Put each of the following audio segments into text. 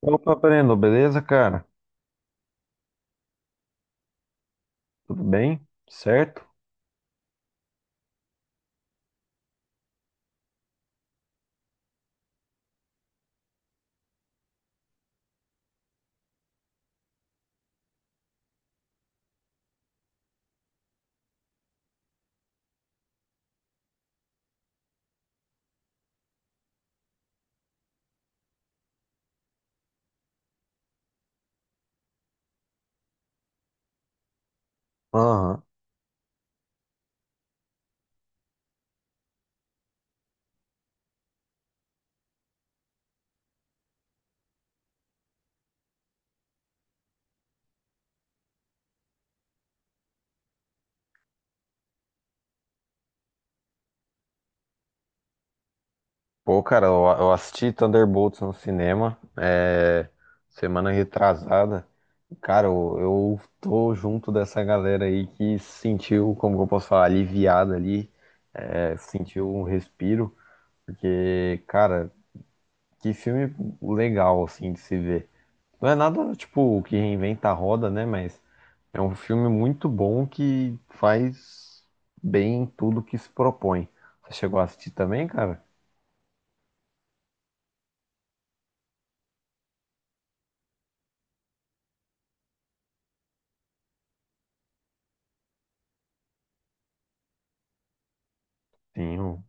Opa, Breno, beleza, cara? Tudo bem? Certo? Aham. Pô, cara, eu assisti Thunderbolts no cinema, é, semana retrasada. Cara, eu tô junto dessa galera aí que se sentiu, como que eu posso falar, aliviada ali, é, sentiu um respiro, porque, cara, que filme legal, assim, de se ver. Não é nada, tipo, que reinventa a roda, né? Mas é um filme muito bom que faz bem tudo que se propõe. Você chegou a assistir também, cara? Sim, o-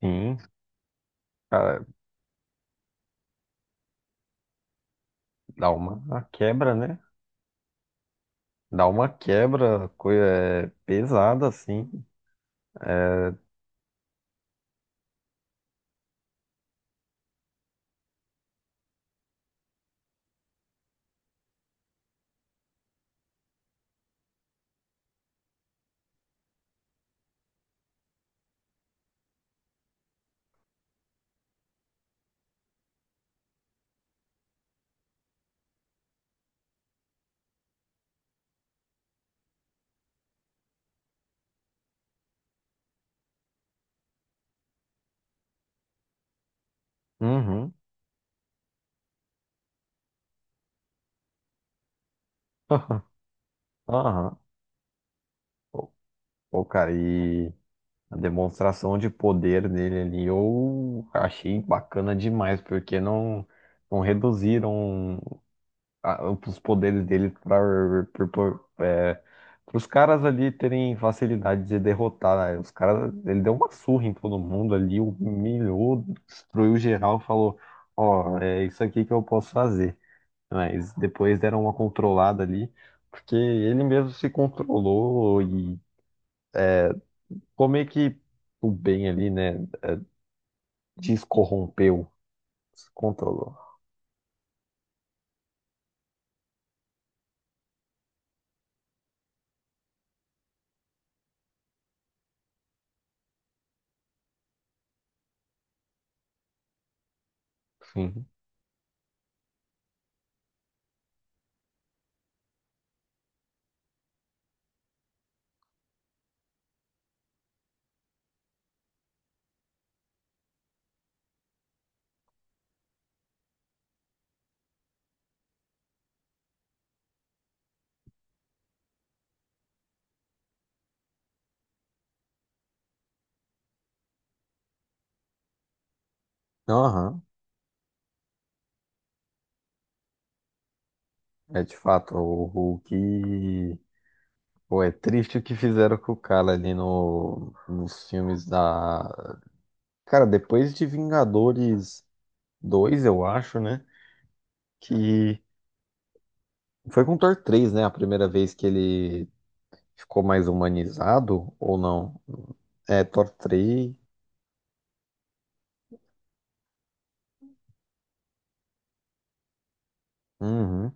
sim. Cara, dá uma quebra, né? Dá uma quebra, coisa é, pesada, assim. Uhum. Aham. Pô, pô, cara, e a demonstração de poder dele ali eu achei bacana demais, porque não reduziram os poderes dele para é, os caras ali terem facilidade de derrotar, né? Os caras, ele deu uma surra em todo mundo ali, humilhou, destruiu geral, falou, ó, é isso aqui que eu posso fazer. Mas depois deram uma controlada ali, porque ele mesmo se controlou e como é que o bem ali, né, descorrompeu, se controlou. Sim. Aham. É de fato o que. Pô, é triste o que fizeram com o cara ali no, nos filmes da. Cara, depois de Vingadores dois, eu acho, né? Que foi com Thor três, né? A primeira vez que ele ficou mais humanizado, ou não? É, Thor três. Uhum.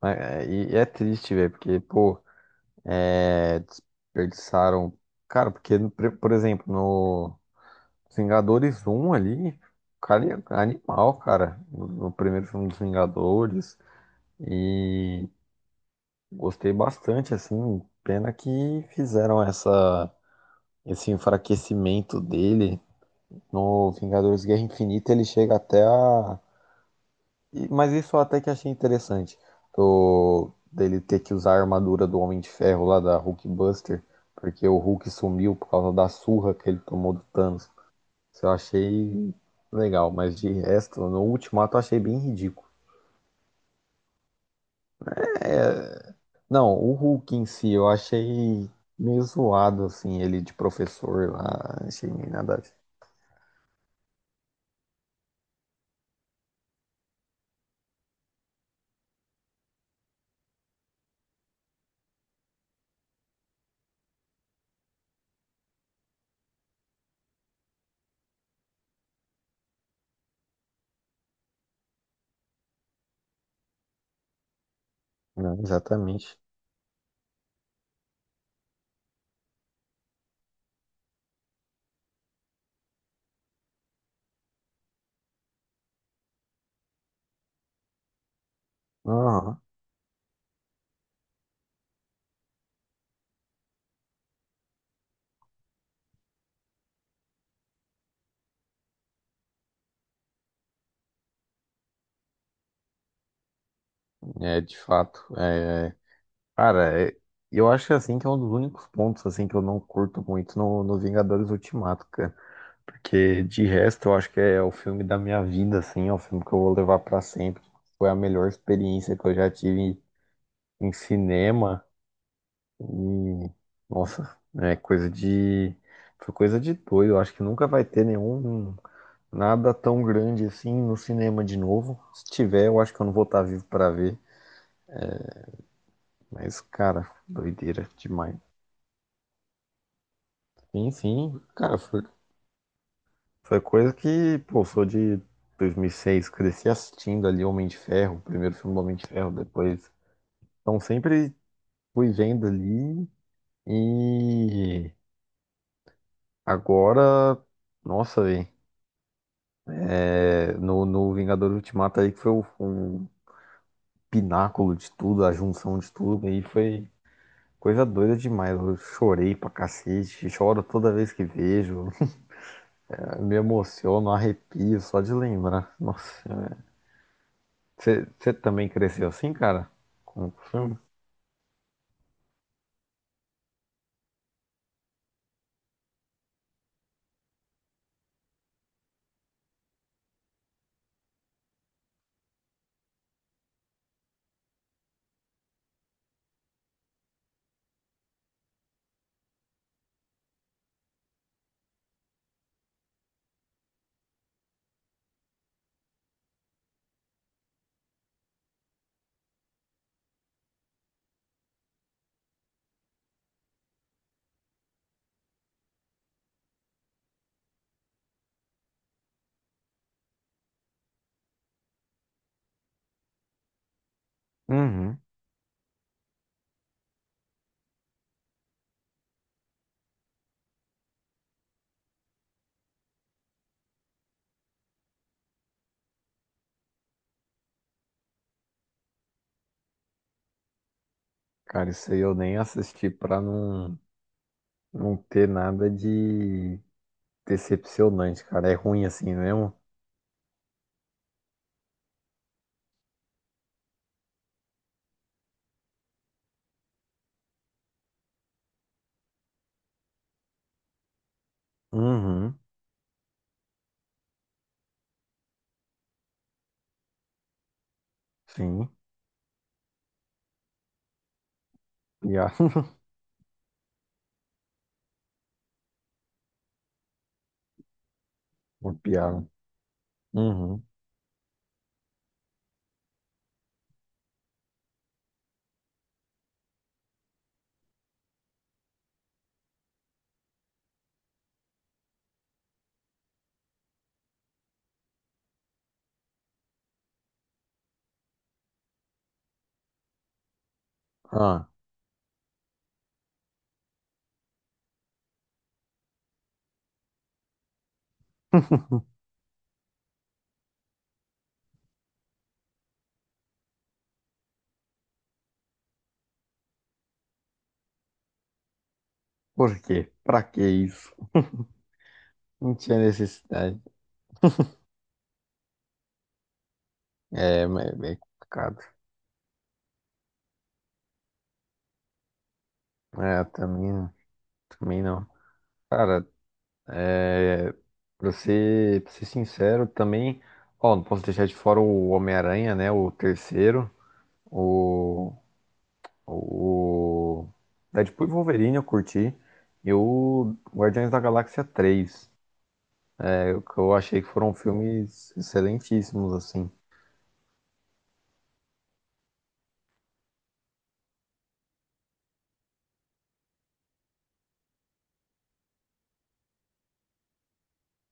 Mas, é, e é triste, velho, porque, pô, é, desperdiçaram. Cara, porque, por exemplo, no. Os Vingadores um ali, o cara é animal, cara, no primeiro filme dos Vingadores. E gostei bastante, assim. Pena que fizeram essa, esse enfraquecimento dele. No Vingadores Guerra Infinita ele chega até a. Mas isso eu até que achei interessante. Dele ter que usar a armadura do Homem de Ferro lá da Hulkbuster. Porque o Hulk sumiu por causa da surra que ele tomou do Thanos. Isso eu achei legal, mas de resto, no Ultimato eu achei bem ridículo. Não, o Hulk em si eu achei meio zoado, assim, ele de professor lá, achei meio nada. A ver. Não, exatamente. Aham. É, de fato. É, cara, eu acho assim que é um dos únicos pontos assim que eu não curto muito no Vingadores Ultimato, cara. Porque de resto eu acho que é o filme da minha vida, assim, é o filme que eu vou levar pra sempre. Foi a melhor experiência que eu já tive em cinema. E, nossa, é coisa de. Foi coisa de doido. Eu acho que nunca vai ter nenhum. Nada tão grande assim no cinema de novo. Se tiver, eu acho que eu não vou estar vivo pra ver. Mas, cara, doideira demais. Enfim, cara, foi coisa que, pô, sou de 2006, cresci assistindo ali Homem de Ferro, o primeiro filme do Homem de Ferro, depois. Então, sempre fui vendo ali. E agora, nossa, velho. É, no Vingador Ultimato aí que foi o pináculo de tudo, a junção de tudo, aí foi coisa doida demais. Eu chorei pra cacete, choro toda vez que vejo, me emociono, arrepio só de lembrar. Nossa, você também cresceu assim, cara? Com o filme? Uhum. Cara, isso aí eu nem assisti pra não ter nada de decepcionante, cara. É ruim assim mesmo? Uhum. Sim. Piada. Uma piada. Uhum. Ah. Por quê? Pra que isso? Não tinha necessidade. É, mas é bem complicado. É, também, também não. Cara, é, pra ser sincero, também. Ó, não posso deixar de fora o Homem-Aranha, né? O terceiro. O. O. Deadpool e Wolverine eu curti. E o Guardiões da Galáxia 3, é, o que eu achei que foram filmes excelentíssimos, assim.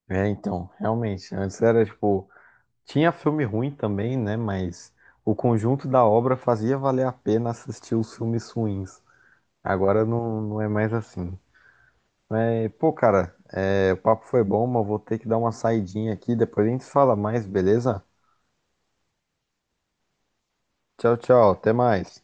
É, então, realmente. Antes era tipo. Tinha filme ruim também, né? Mas o conjunto da obra fazia valer a pena assistir os filmes ruins. Agora não, não é mais assim. É, pô, cara, é, o papo foi bom, mas eu vou ter que dar uma saidinha aqui. Depois a gente fala mais, beleza? Tchau, tchau. Até mais.